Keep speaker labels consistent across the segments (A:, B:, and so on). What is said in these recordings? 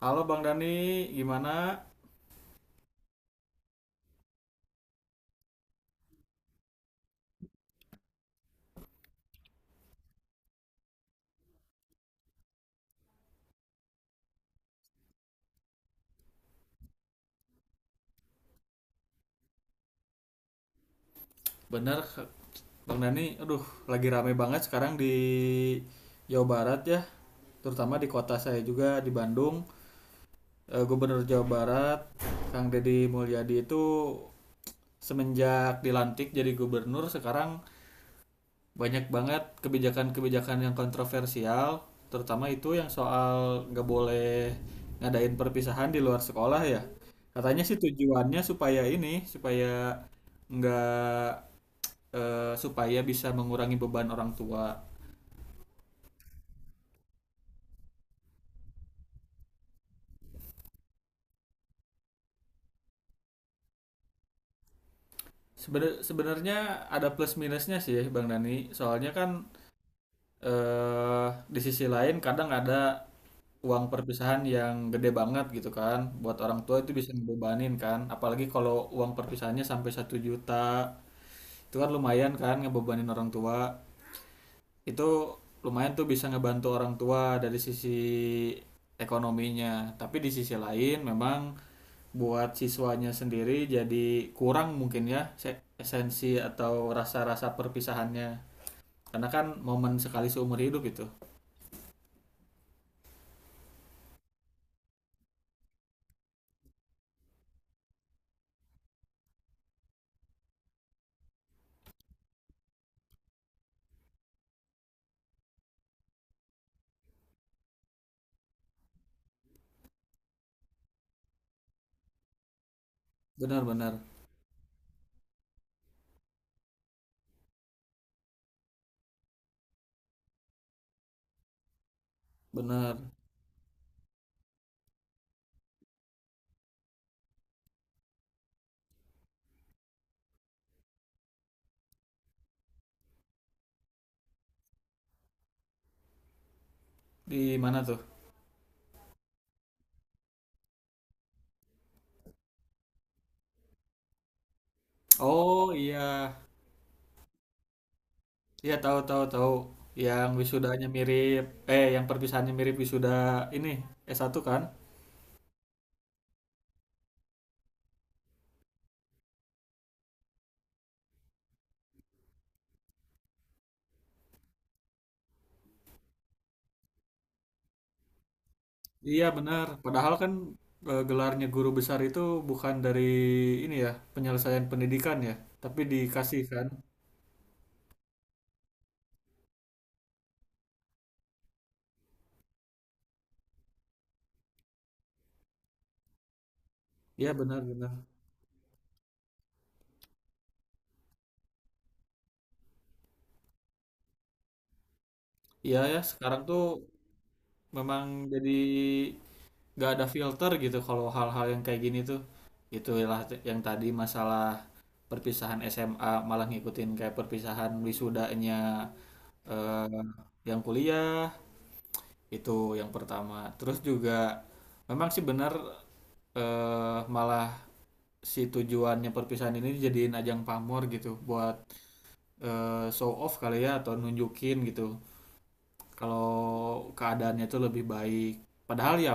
A: Halo Bang Dani, gimana? Bener Bang Dani, aduh lagi rame banget sekarang di Jawa Barat ya, terutama di kota saya juga di Bandung. Gubernur Jawa Barat, Kang Deddy Mulyadi itu semenjak dilantik jadi gubernur sekarang banyak banget kebijakan-kebijakan yang kontroversial, terutama itu yang soal nggak boleh ngadain perpisahan di luar sekolah ya. Katanya sih tujuannya supaya ini, supaya nggak eh, supaya bisa mengurangi beban orang tua. Sebenarnya ada plus minusnya sih Bang Dani. Soalnya kan eh di sisi lain kadang ada uang perpisahan yang gede banget gitu kan. Buat orang tua itu bisa ngebebanin kan. Apalagi kalau uang perpisahannya sampai satu juta. Itu kan lumayan kan ngebebanin orang tua. Itu lumayan tuh bisa ngebantu orang tua dari sisi ekonominya. Tapi di sisi lain memang buat siswanya sendiri jadi kurang mungkin ya esensi atau rasa-rasa perpisahannya karena kan momen sekali seumur hidup itu benar-benar benar Benar. Di mana tuh? Oh iya, iya, tahu, tahu, tahu, yang wisudanya mirip, yang perpisahannya mirip wisuda ini, s satu kan. Iya benar, padahal kan, gelarnya guru besar itu bukan dari ini ya, penyelesaian pendidikan ya, tapi dikasih kan. Iya benar, benar. Iya ya, sekarang tuh memang jadi nggak ada filter gitu kalau hal-hal yang kayak gini tuh. Itulah yang tadi masalah perpisahan SMA malah ngikutin kayak perpisahan wisudanya, eh, yang kuliah, itu yang pertama. Terus juga memang sih benar, malah si tujuannya perpisahan ini dijadiin ajang pamor gitu buat, show off kali ya atau nunjukin gitu kalau keadaannya itu lebih baik, padahal ya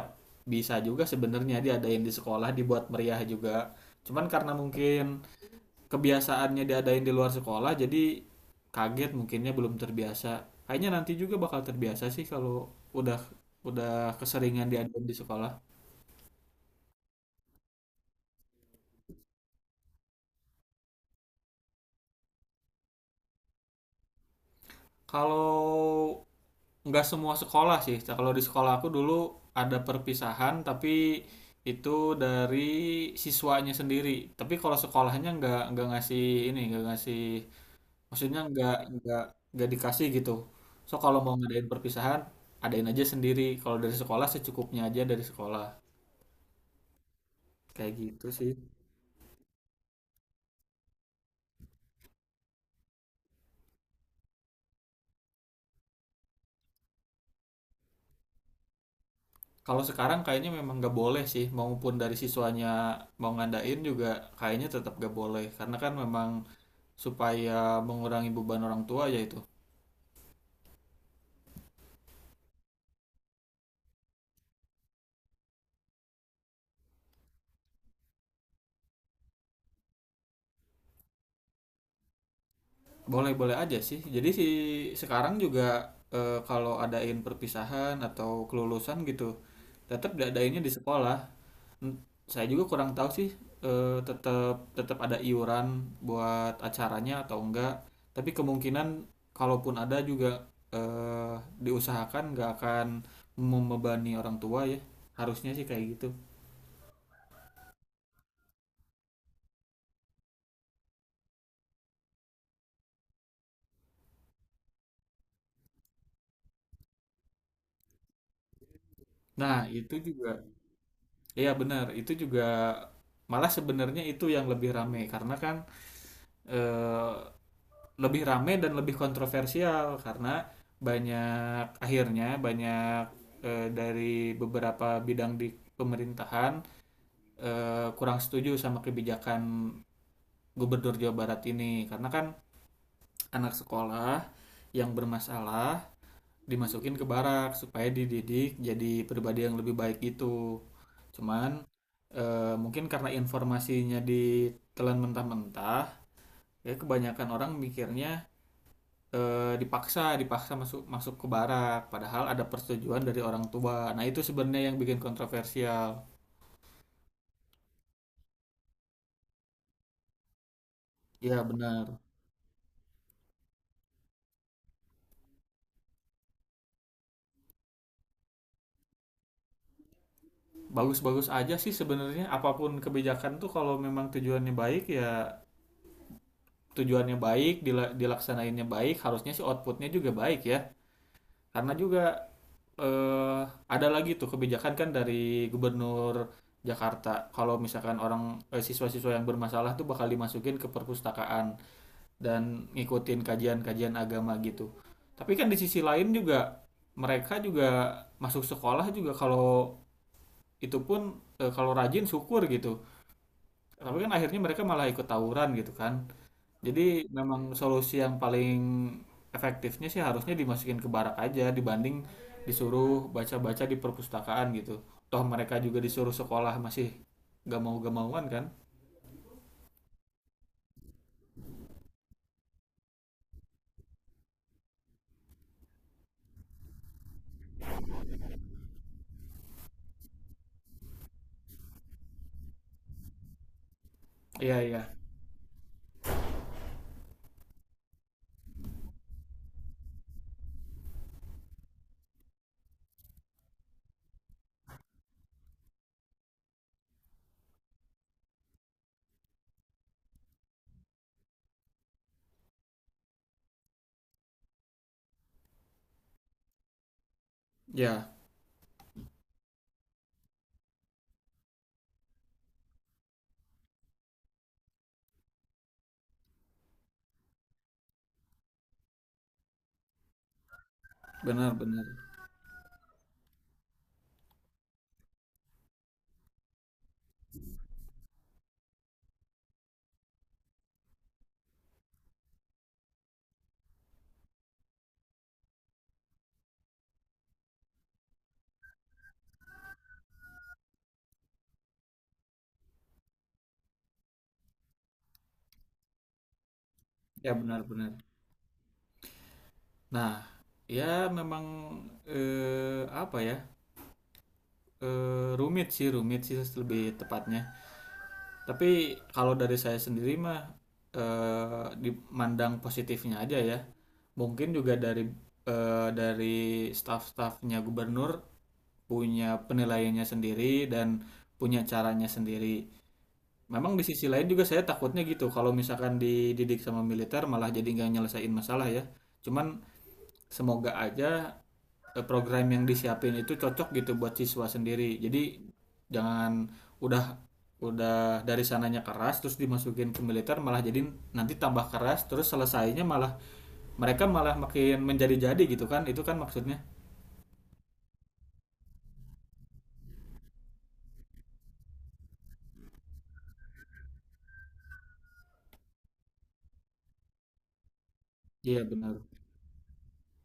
A: bisa juga sebenarnya diadain di sekolah dibuat meriah juga, cuman karena mungkin kebiasaannya diadain di luar sekolah jadi kaget mungkinnya belum terbiasa, kayaknya nanti juga bakal terbiasa sih kalau udah udah keseringan diadain di sekolah. Kalau nggak semua sekolah sih. Nah, kalau di sekolah aku dulu ada perpisahan, tapi itu dari siswanya sendiri. Tapi kalau sekolahnya nggak ngasih ini, nggak ngasih, maksudnya nggak dikasih gitu. So kalau mau ngadain perpisahan, adain aja sendiri. Kalau dari sekolah secukupnya aja dari sekolah. Kayak gitu sih. Kalau sekarang kayaknya memang nggak boleh sih, maupun dari siswanya mau ngadain juga kayaknya tetap nggak boleh, karena kan memang supaya mengurangi beban orang tua ya itu. Boleh-boleh aja sih. Jadi si sekarang juga, kalau adain perpisahan atau kelulusan gitu, tetap diadainnya di sekolah. Hmm, saya juga kurang tahu sih, tetap tetap ada iuran buat acaranya atau enggak. Tapi kemungkinan kalaupun ada juga, eh, diusahakan nggak akan membebani orang tua ya. Harusnya sih kayak gitu. Nah, itu juga iya benar, itu juga malah sebenarnya itu yang lebih rame karena kan, eh, lebih rame dan lebih kontroversial karena banyak akhirnya banyak, dari beberapa bidang di pemerintahan kurang setuju sama kebijakan gubernur Jawa Barat ini karena kan anak sekolah yang bermasalah dimasukin ke barak supaya dididik jadi pribadi yang lebih baik itu, cuman mungkin karena informasinya ditelan mentah-mentah ya kebanyakan orang mikirnya, dipaksa dipaksa masuk masuk ke barak padahal ada persetujuan dari orang tua, nah itu sebenarnya yang bikin kontroversial. Ya benar. Bagus-bagus aja sih sebenarnya, apapun kebijakan tuh kalau memang tujuannya baik ya, tujuannya baik, dilaksanainnya baik, harusnya sih outputnya juga baik ya, karena juga eh, ada lagi tuh kebijakan kan dari gubernur Jakarta kalau misalkan orang, siswa-siswa yang bermasalah tuh bakal dimasukin ke perpustakaan dan ngikutin kajian-kajian agama gitu. Tapi kan di sisi lain juga mereka juga masuk sekolah juga kalau itu pun, kalau rajin syukur gitu. Tapi kan akhirnya mereka malah ikut tawuran gitu kan. Jadi memang solusi yang paling efektifnya sih harusnya dimasukin ke barak aja dibanding disuruh baca-baca di perpustakaan gitu. Toh mereka juga disuruh sekolah masih gak mau-gak mauan kan? Iya, iya. Ya, benar, benar. Ya benar, benar. Nah, ya memang, eh, apa ya? Rumit sih lebih tepatnya. Tapi kalau dari saya sendiri mah, dimandang positifnya aja ya. Mungkin juga dari, dari staf-stafnya gubernur punya penilaiannya sendiri dan punya caranya sendiri. Memang di sisi lain juga saya takutnya gitu kalau misalkan dididik sama militer malah jadi nggak nyelesain masalah ya. Cuman semoga aja, program yang disiapin itu cocok gitu buat siswa sendiri. Jadi jangan udah udah dari sananya keras terus dimasukin ke militer malah jadi nanti tambah keras terus selesainya malah mereka malah makin menjadi-jadi gitu kan. Itu kan maksudnya. Iya benar.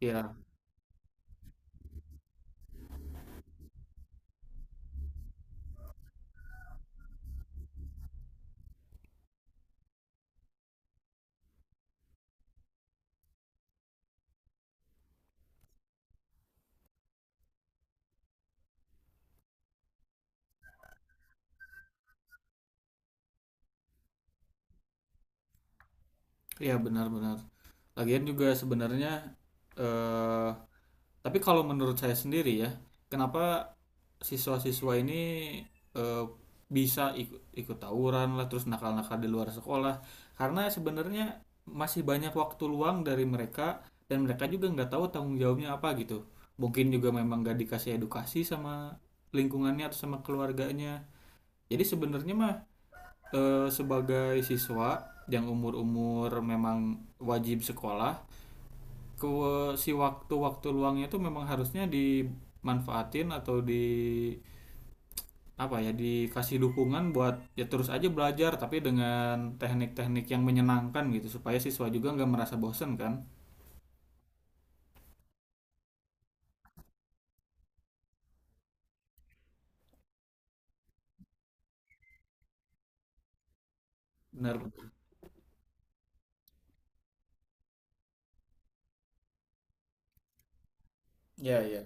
A: Iya. Iya benar-benar. Lagian juga sebenarnya eh tapi kalau menurut saya sendiri ya, kenapa siswa-siswa ini, eh, bisa ikut ikut tawuran lah terus nakal-nakal di luar sekolah karena sebenarnya masih banyak waktu luang dari mereka dan mereka juga nggak tahu tanggung jawabnya apa gitu, mungkin juga memang nggak dikasih edukasi sama lingkungannya atau sama keluarganya. Jadi sebenarnya mah, sebagai siswa yang umur-umur memang wajib sekolah ke si waktu-waktu luangnya itu memang harusnya dimanfaatin atau di apa ya dikasih dukungan buat ya terus aja belajar tapi dengan teknik-teknik yang menyenangkan gitu supaya siswa juga nggak merasa bosen kan benar. Iya, iya.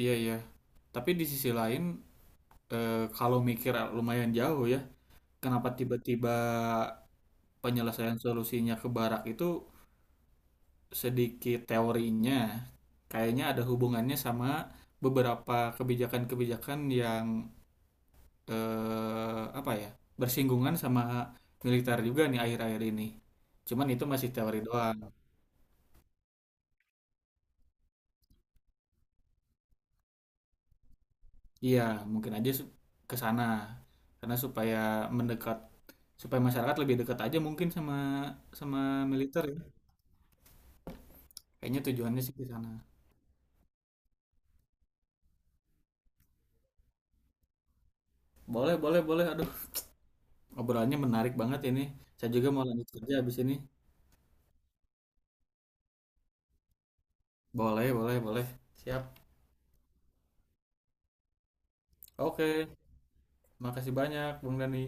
A: Iya, iya, tapi di sisi lain, kalau mikir lumayan jauh ya, kenapa tiba-tiba penyelesaian solusinya ke barak itu, sedikit teorinya kayaknya ada hubungannya sama beberapa kebijakan-kebijakan yang, eh, apa ya bersinggungan sama militer juga nih akhir-akhir ini. Cuman itu masih teori doang. Iya, mungkin aja ke sana. Karena supaya mendekat, supaya masyarakat lebih dekat aja mungkin sama sama militer ya. Kayaknya tujuannya sih ke sana. Boleh, boleh, boleh. Aduh, obrolannya menarik banget ini. Saya juga mau lanjut kerja habis ini. Boleh, boleh, boleh. Siap. Oke, makasih banyak, Bung Dani.